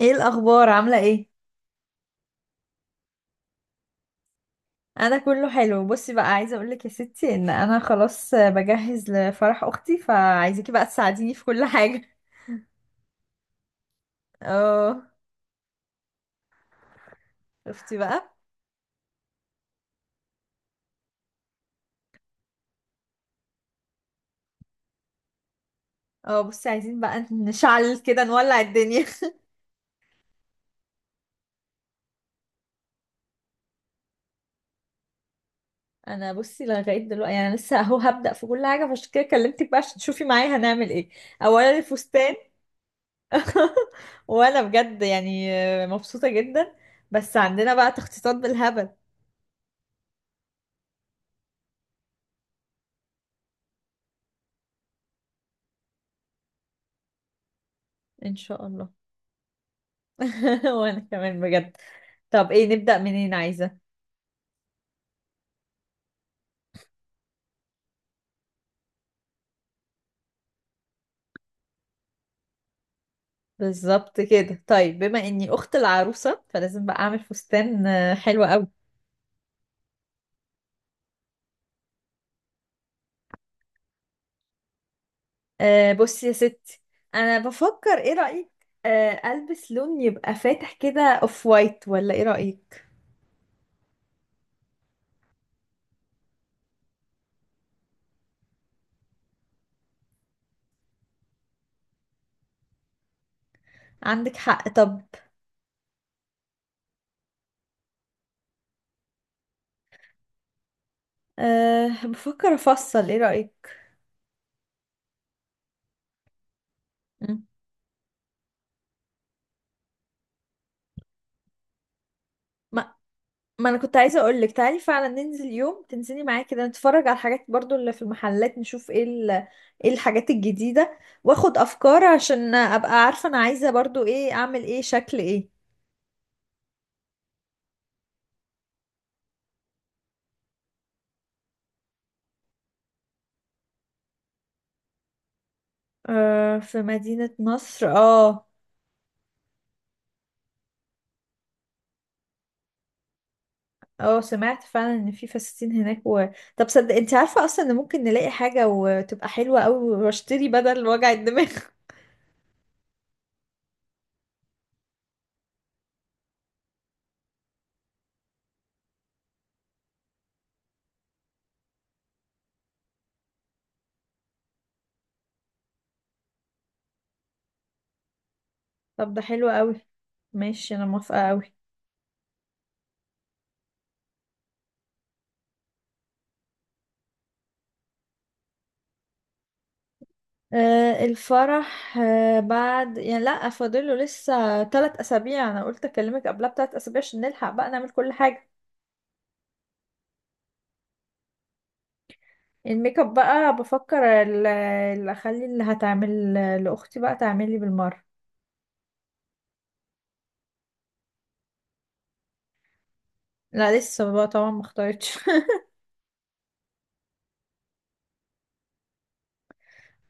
ايه الاخبار؟ عامله ايه؟ انا كله حلو. بصي بقى، عايزه اقولك يا ستي ان انا خلاص بجهز لفرح اختي، فعايزاكي بقى تساعديني في كل حاجه. اه. شفتي بقى؟ اه بصي، عايزين بقى نشعل كده، نولع الدنيا انا بصي لغايه دلوقتي يعني لسه اهو هبدأ في كل حاجه، فعشان كده كلمتك بقى عشان تشوفي معايا هنعمل ايه. اولا الفستان. وانا بجد يعني مبسوطه جدا، بس عندنا بقى تخطيطات بالهبل. ان شاء الله. وانا كمان بجد. طب ايه؟ نبدأ منين عايزة؟ بالظبط كده. طيب، بما اني اخت العروسة فلازم بقى اعمل فستان. حلو قوي. أه بصي يا ستي، انا بفكر، ايه رأيك؟ أه، البس لون يبقى فاتح كده، اوف وايت، ولا ايه رأيك؟ عندك حق. طب أه بفكر افصل، ايه رأيك؟ مم. ما ما انا كنت عايزه اقول لك تعالي فعلا ننزل يوم، تنزلي معايا كده نتفرج على الحاجات برضو اللي في المحلات، نشوف ايه ايه الحاجات الجديده، واخد افكار عشان ابقى عارفه انا عايزه برضو ايه، اعمل ايه، شكل ايه. آه، في مدينه نصر، اه. اه سمعت فعلا ان في فساتين هناك. طب صدق، انت عارفه اصلا ان ممكن نلاقي حاجه وتبقى حلوه قوي، واشتري بدل وجع الدماغ. طب ده حلو قوي. ماشي، انا موافقه قوي. آه، الفرح، بعد يعني لا، فاضله لسه 3 اسابيع. انا قلت اكلمك قبلها ب3 اسابيع عشان نلحق بقى نعمل كل حاجه. الميك اب بقى بفكر اللي اخلي اللي هتعمل لاختي بقى تعملي بالمره. لا لسه بقى طبعا ما اختارتش.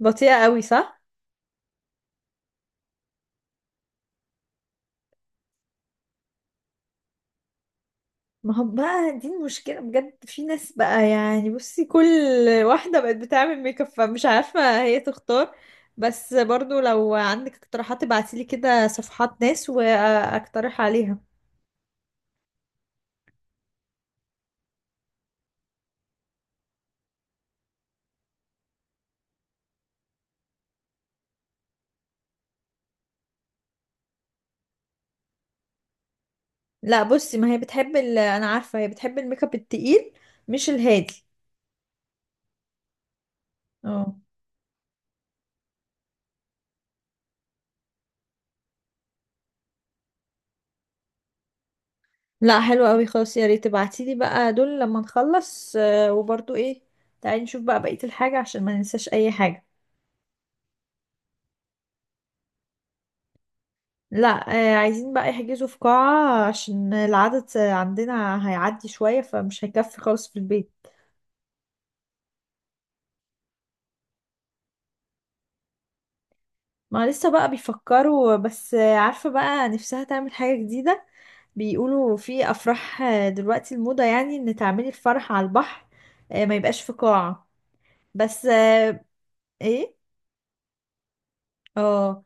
بطيئه قوي، صح. ما هو بقى دي المشكله بجد، في ناس بقى يعني، بصي كل واحده بقت بتعمل ميك اب، فمش عارفه هي تختار. بس برضو لو عندك اقتراحات ابعتيلي كده صفحات ناس، واقترح عليها. لا بصي، ما هي بتحب انا عارفه هي بتحب الميك اب التقيل، مش الهادي. اه. لا حلو قوي خلاص، يا ريت تبعتيلي بقى دول لما نخلص. وبرضو ايه، تعالي نشوف بقى بقيه الحاجه عشان ما ننساش اي حاجه. لا عايزين بقى يحجزوا في قاعه عشان العدد عندنا هيعدي شويه، فمش هيكفي خالص في البيت. ما لسه بقى بيفكروا، بس عارفة بقى نفسها تعمل حاجة جديدة. بيقولوا في أفراح دلوقتي، الموضة يعني إن تعملي الفرح على البحر. ما يبقاش في قاعة. بس. إيه؟ اه.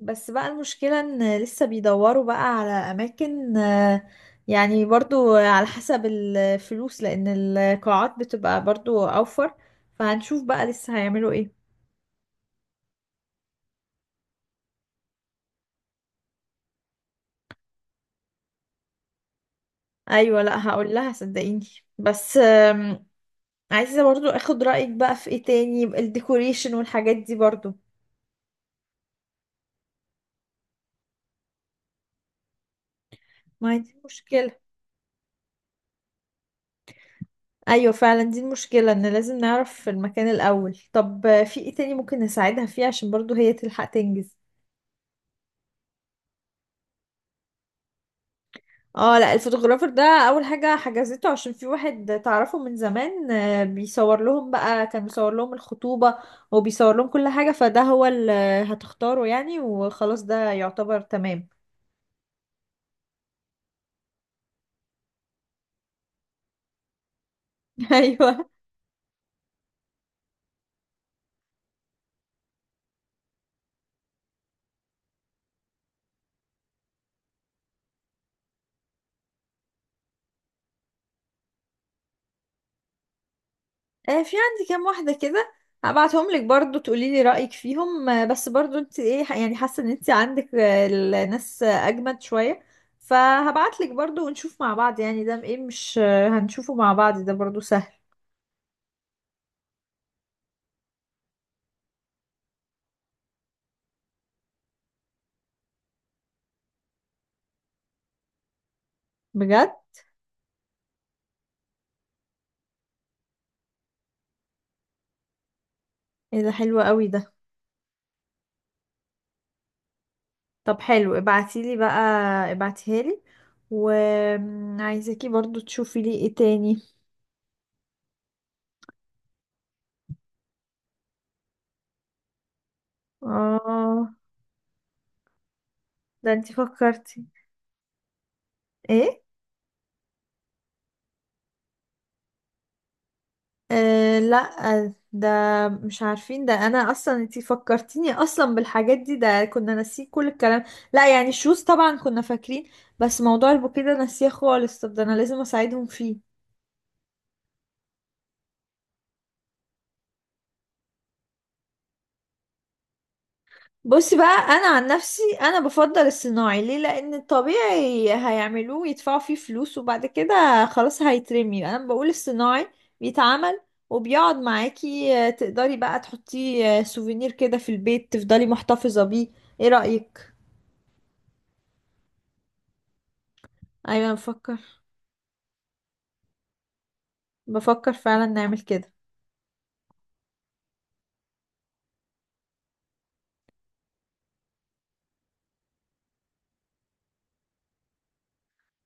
بس بقى المشكلة إن لسه بيدوروا بقى على أماكن. يعني برضو على حسب الفلوس، لأن القاعات بتبقى برضو أوفر. فهنشوف بقى لسه هيعملوا إيه. أيوة، لأ هقول لها، صدقيني. بس عايزة برضو اخد رأيك بقى في ايه تاني، الديكوريشن والحاجات دي برضو. ما هي دي مشكلة. ايوه فعلا دي المشكلة ان لازم نعرف في المكان الاول. طب في ايه تاني ممكن نساعدها فيه عشان برضو هي تلحق تنجز؟ اه. لا الفوتوغرافر ده اول حاجة حجزته، عشان في واحد تعرفه من زمان، بيصور لهم بقى، كان بيصور لهم الخطوبة وبيصور لهم كل حاجة، فده هو اللي هتختاره يعني، وخلاص ده يعتبر تمام. ايوه. في عندي كام واحدة كده، هبعتهم لك برضو تقولي لي رأيك فيهم. بس برضو انت ايه، يعني حاسة ان انت عندك الناس اجمد شوية، فهبعت لك برضو ونشوف مع بعض، يعني ده ايه، مش هنشوفه مع بعض، ده برضو سهل. بجد؟ ايه ده حلو قوي ده. طب حلو، ابعتي لي بقى، ابعتيها لي، وعايزاكي برضو تشوفي لي ايه تاني. اه. ده انت فكرتي ايه. أه لا ده مش عارفين. ده انا اصلا انتي فكرتيني اصلا بالحاجات دي، ده كنا ناسيين كل الكلام. لا يعني الشوز طبعا كنا فاكرين، بس موضوع البوكيه ده ناسيه خالص. طب ده انا لازم اساعدهم فيه. بصي بقى، انا عن نفسي انا بفضل الصناعي. ليه؟ لان الطبيعي هيعملوه يدفعوا فيه فلوس وبعد كده خلاص هيترمي. انا بقول الصناعي بيتعمل وبيقعد معاكي، تقدري بقى تحطيه سوفينير كده في البيت، تفضلي محتفظة بيه. ايه رأيك؟ ايوه بفكر، بفكر فعلا نعمل كده.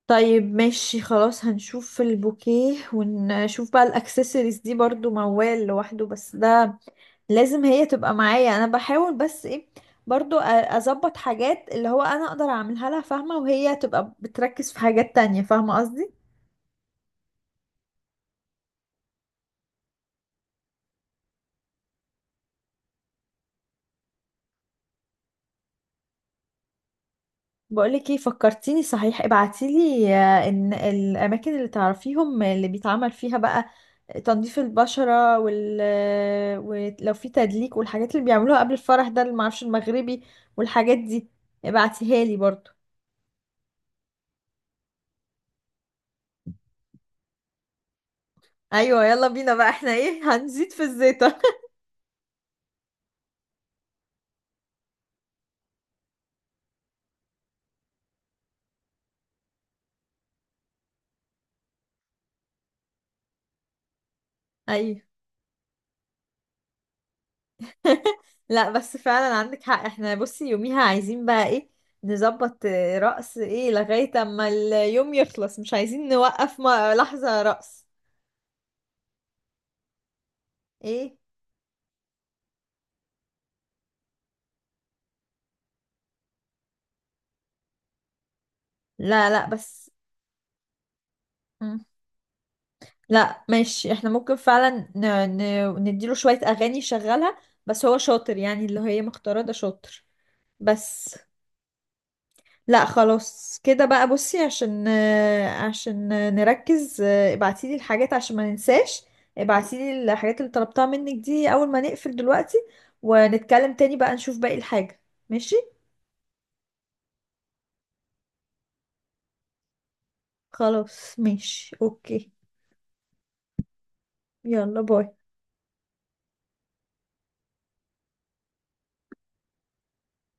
طيب ماشي خلاص، هنشوف البوكيه، ونشوف بقى الاكسسوارز دي برضو موال لوحده، بس ده لازم هي تبقى معايا. انا بحاول بس ايه، برضو اظبط حاجات اللي هو انا اقدر اعملها لها، فاهمة؟ وهي تبقى بتركز في حاجات تانية. فاهمة قصدي؟ بقولك ايه، فكرتيني صحيح، ابعتيلي ان الاماكن اللي تعرفيهم اللي بيتعمل فيها بقى تنظيف البشرة، وال ولو في تدليك، والحاجات اللي بيعملوها قبل الفرح، ده اللي معرفش المغربي والحاجات دي، ابعتيها لي برضو. ايوه يلا بينا بقى، احنا ايه هنزيد في الزيطة. ايوه. لا بس فعلا عندك حق. احنا بصي يوميها عايزين بقى ايه، نظبط رقص ايه لغاية اما اليوم يخلص، مش عايزين نوقف لحظة رقص. ايه؟ لا لا بس. مم. لا ماشي، احنا ممكن فعلا نديله شوية أغاني يشغلها، بس هو شاطر يعني، اللي هي مختارة ده شاطر، بس. لا خلاص كده بقى. بصي، عشان عشان نركز، ابعتيلي الحاجات عشان ما ننساش. ابعتيلي الحاجات اللي طلبتها منك دي أول ما نقفل دلوقتي، ونتكلم تاني بقى نشوف باقي الحاجة. ماشي. خلاص ماشي اوكي. يلا باي.